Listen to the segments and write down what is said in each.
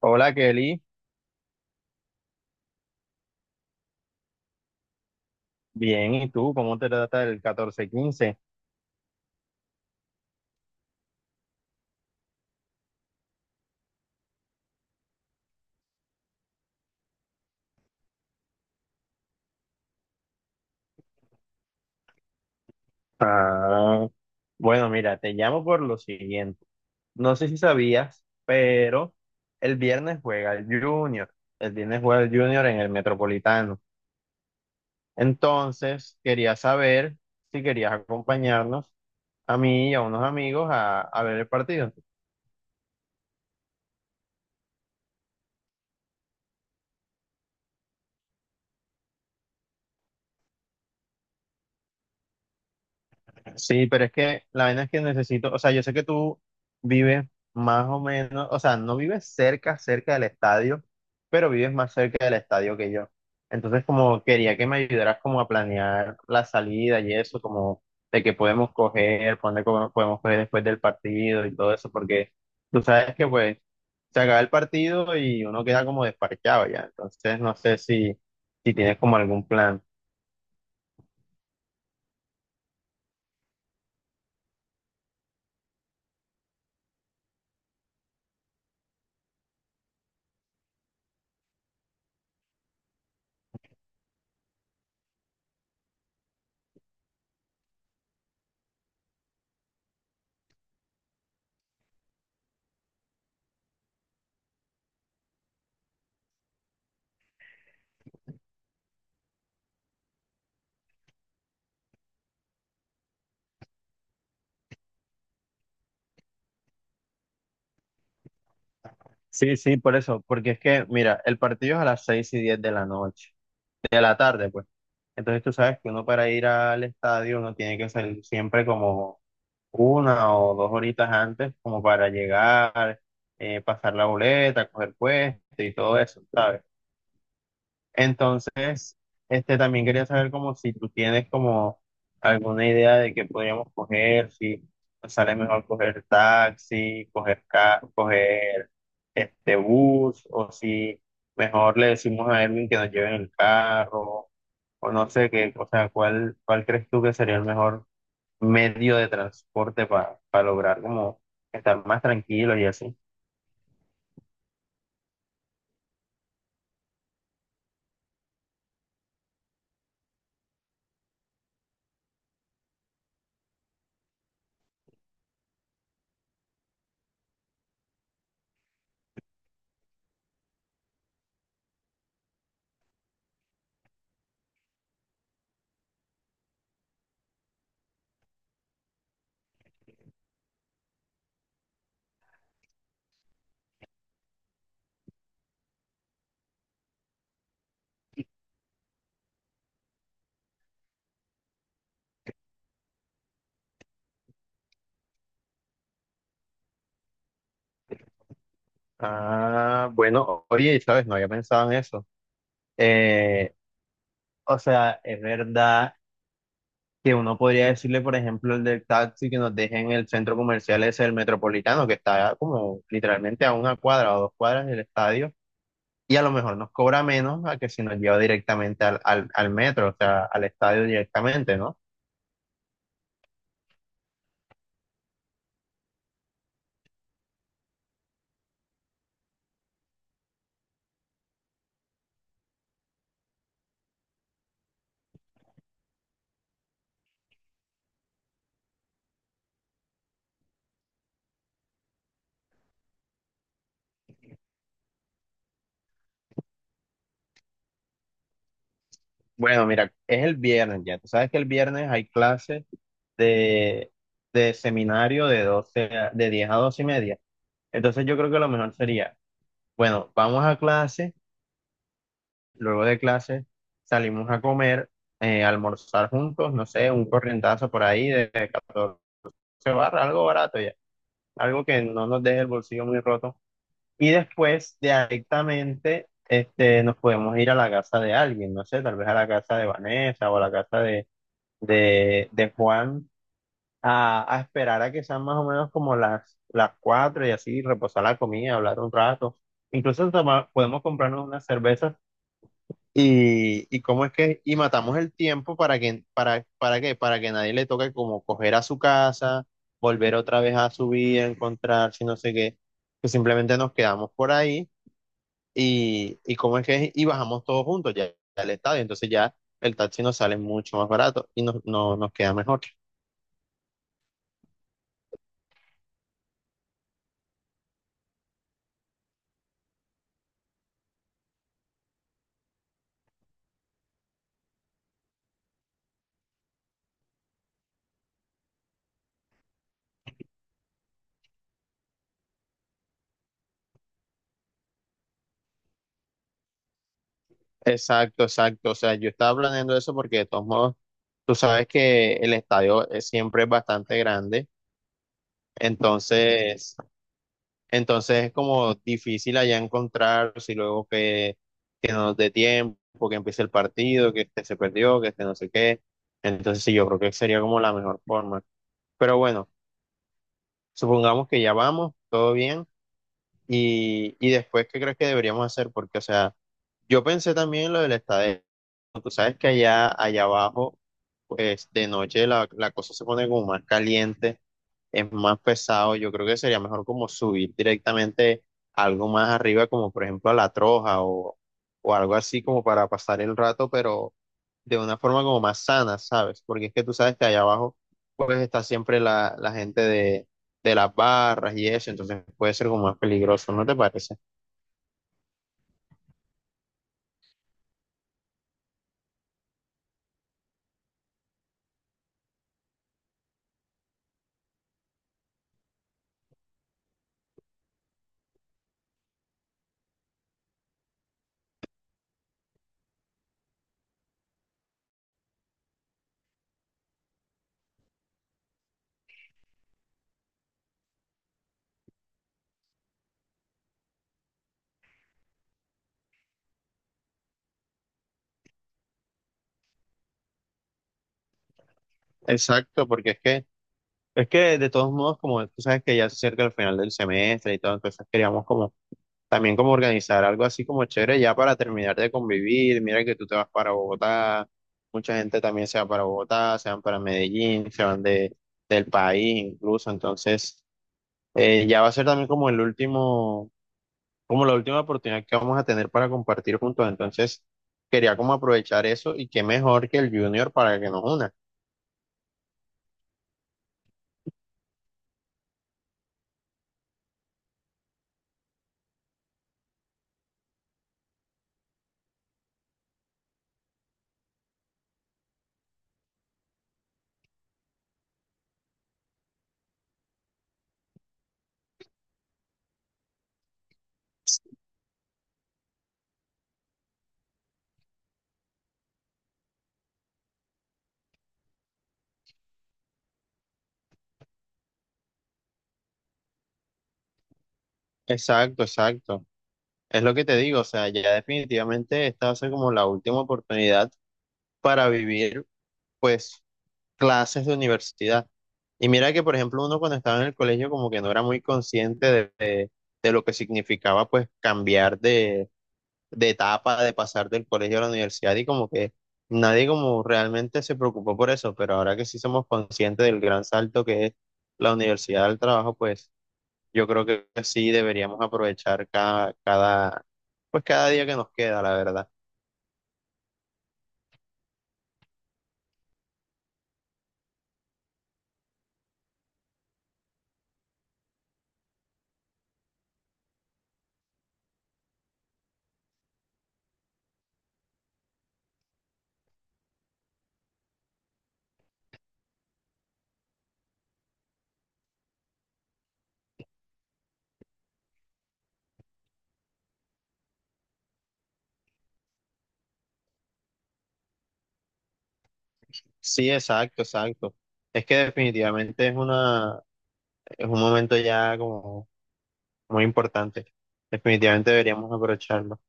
Hola Kelly, bien, ¿y tú? ¿Cómo te trata el 14-15? Ah, bueno, mira, te llamo por lo siguiente. No sé si sabías, pero el viernes juega el Junior. El viernes juega el Junior en el Metropolitano. Entonces, quería saber si querías acompañarnos a mí y a unos amigos a ver el partido. Sí, pero es que la vaina es que necesito, o sea, yo sé que tú vives más o menos, o sea, no vives cerca, cerca del estadio, pero vives más cerca del estadio que yo. Entonces, como quería que me ayudaras como a planear la salida y eso, como de que podemos coger, podemos coger después del partido y todo eso, porque tú sabes que pues se acaba el partido y uno queda como desparchado ya. Entonces, no sé si, si tienes como algún plan. Sí, sí, por eso, porque es que, mira, el partido es a las 6 y 10 de la noche, de la tarde, pues. Entonces tú sabes que uno para ir al estadio uno tiene que salir siempre como una o dos horitas antes, como para llegar, pasar la boleta, coger puesto y todo eso, ¿sabes? Entonces, este, también quería saber como si tú tienes como alguna idea de qué podríamos coger, si nos sale mejor coger taxi, coger este bus, o si mejor le decimos a Edwin que nos lleve en el carro, o no sé qué, o sea, cuál crees tú que sería el mejor medio de transporte para lograr como estar más tranquilos y así. Ah, bueno, oye, sabes, no había pensado en eso. O sea, es verdad que uno podría decirle, por ejemplo, el del taxi que nos deje en el centro comercial ese del Metropolitano, que está como literalmente a una cuadra o dos cuadras del estadio, y a lo mejor nos cobra menos a que si nos lleva directamente al metro, o sea, al estadio directamente, ¿no? Bueno, mira, es el viernes ya. Tú sabes que el viernes hay clases de, de seminario de 10 a doce y media. Entonces yo creo que lo mejor sería, bueno, vamos a clase. Luego de clase salimos a comer, a almorzar juntos, no sé, un corrientazo por ahí de 14 barras, algo barato ya, algo que no nos deje el bolsillo muy roto. Y después directamente este, nos podemos ir a la casa de alguien, no sé, tal vez a la casa de Vanessa o a la casa de Juan, a esperar a que sean más o menos como las 4 y así reposar la comida, hablar un rato. Incluso podemos comprarnos unas cervezas y cómo es que, y matamos el tiempo para que, para qué, para que nadie le toque como coger a su casa, volver otra vez a su vida, encontrarse, no sé qué, que simplemente nos quedamos por ahí y cómo es que, y bajamos todos juntos ya al estadio, entonces ya el taxi nos sale mucho más barato y nos, no, nos queda mejor. Exacto, exacto, o sea, yo estaba planeando eso porque de todos modos, tú sabes que siempre es bastante grande, entonces entonces es como difícil allá encontrar si luego que no nos dé tiempo, que empiece el partido, que este se perdió, que este no sé qué. Entonces sí, yo creo que sería como la mejor forma. Pero bueno, supongamos que ya vamos, todo bien. Y después, ¿qué crees que deberíamos hacer? Porque, o sea, yo pensé también en lo de la estadía. Tú sabes que allá, allá abajo, pues de noche la cosa se pone como más caliente, es más pesado. Yo creo que sería mejor como subir directamente a algo más arriba, como por ejemplo a la Troja o algo así como para pasar el rato, pero de una forma como más sana, ¿sabes? Porque es que tú sabes que allá abajo, pues está siempre la gente de las barras y eso, entonces puede ser como más peligroso, ¿no te parece? Exacto, porque es que es que de todos modos, como tú sabes que ya se acerca el final del semestre y todo, entonces queríamos como también como organizar algo así como chévere ya para terminar de convivir. Mira que tú te vas para Bogotá, mucha gente también se va para Bogotá, se van para Medellín, se van del país incluso. Entonces, ya va a ser también como el último, como la última oportunidad que vamos a tener para compartir juntos. Entonces, quería como aprovechar eso y qué mejor que el Junior para que nos una. Exacto, exacto. Es lo que te digo, o sea, ya definitivamente esta va a ser como la última oportunidad para vivir, pues, clases de universidad. Y mira que, por ejemplo, uno cuando estaba en el colegio como que no era muy consciente de lo que significaba, pues, cambiar de etapa, de pasar del colegio a la universidad y como que nadie como realmente se preocupó por eso, pero ahora que sí somos conscientes del gran salto que es la universidad al trabajo, pues... Yo creo que sí deberíamos aprovechar pues cada día que nos queda, la verdad. Sí, exacto, exacto. Es que definitivamente es un momento ya como muy importante. Definitivamente deberíamos aprovecharlo.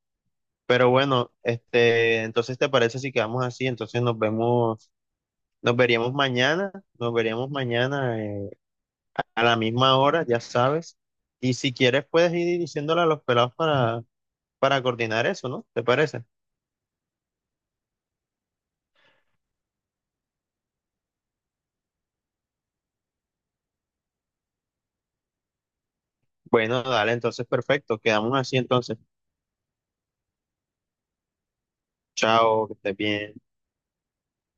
Pero bueno, este, entonces ¿te parece si quedamos así? Entonces nos vemos, nos veríamos mañana, nos veríamos mañana a la misma hora, ya sabes. Y si quieres puedes ir diciéndole a los pelados para coordinar eso, ¿no? ¿Te parece? Bueno, dale, entonces perfecto. Quedamos así entonces. Chao, que estés bien.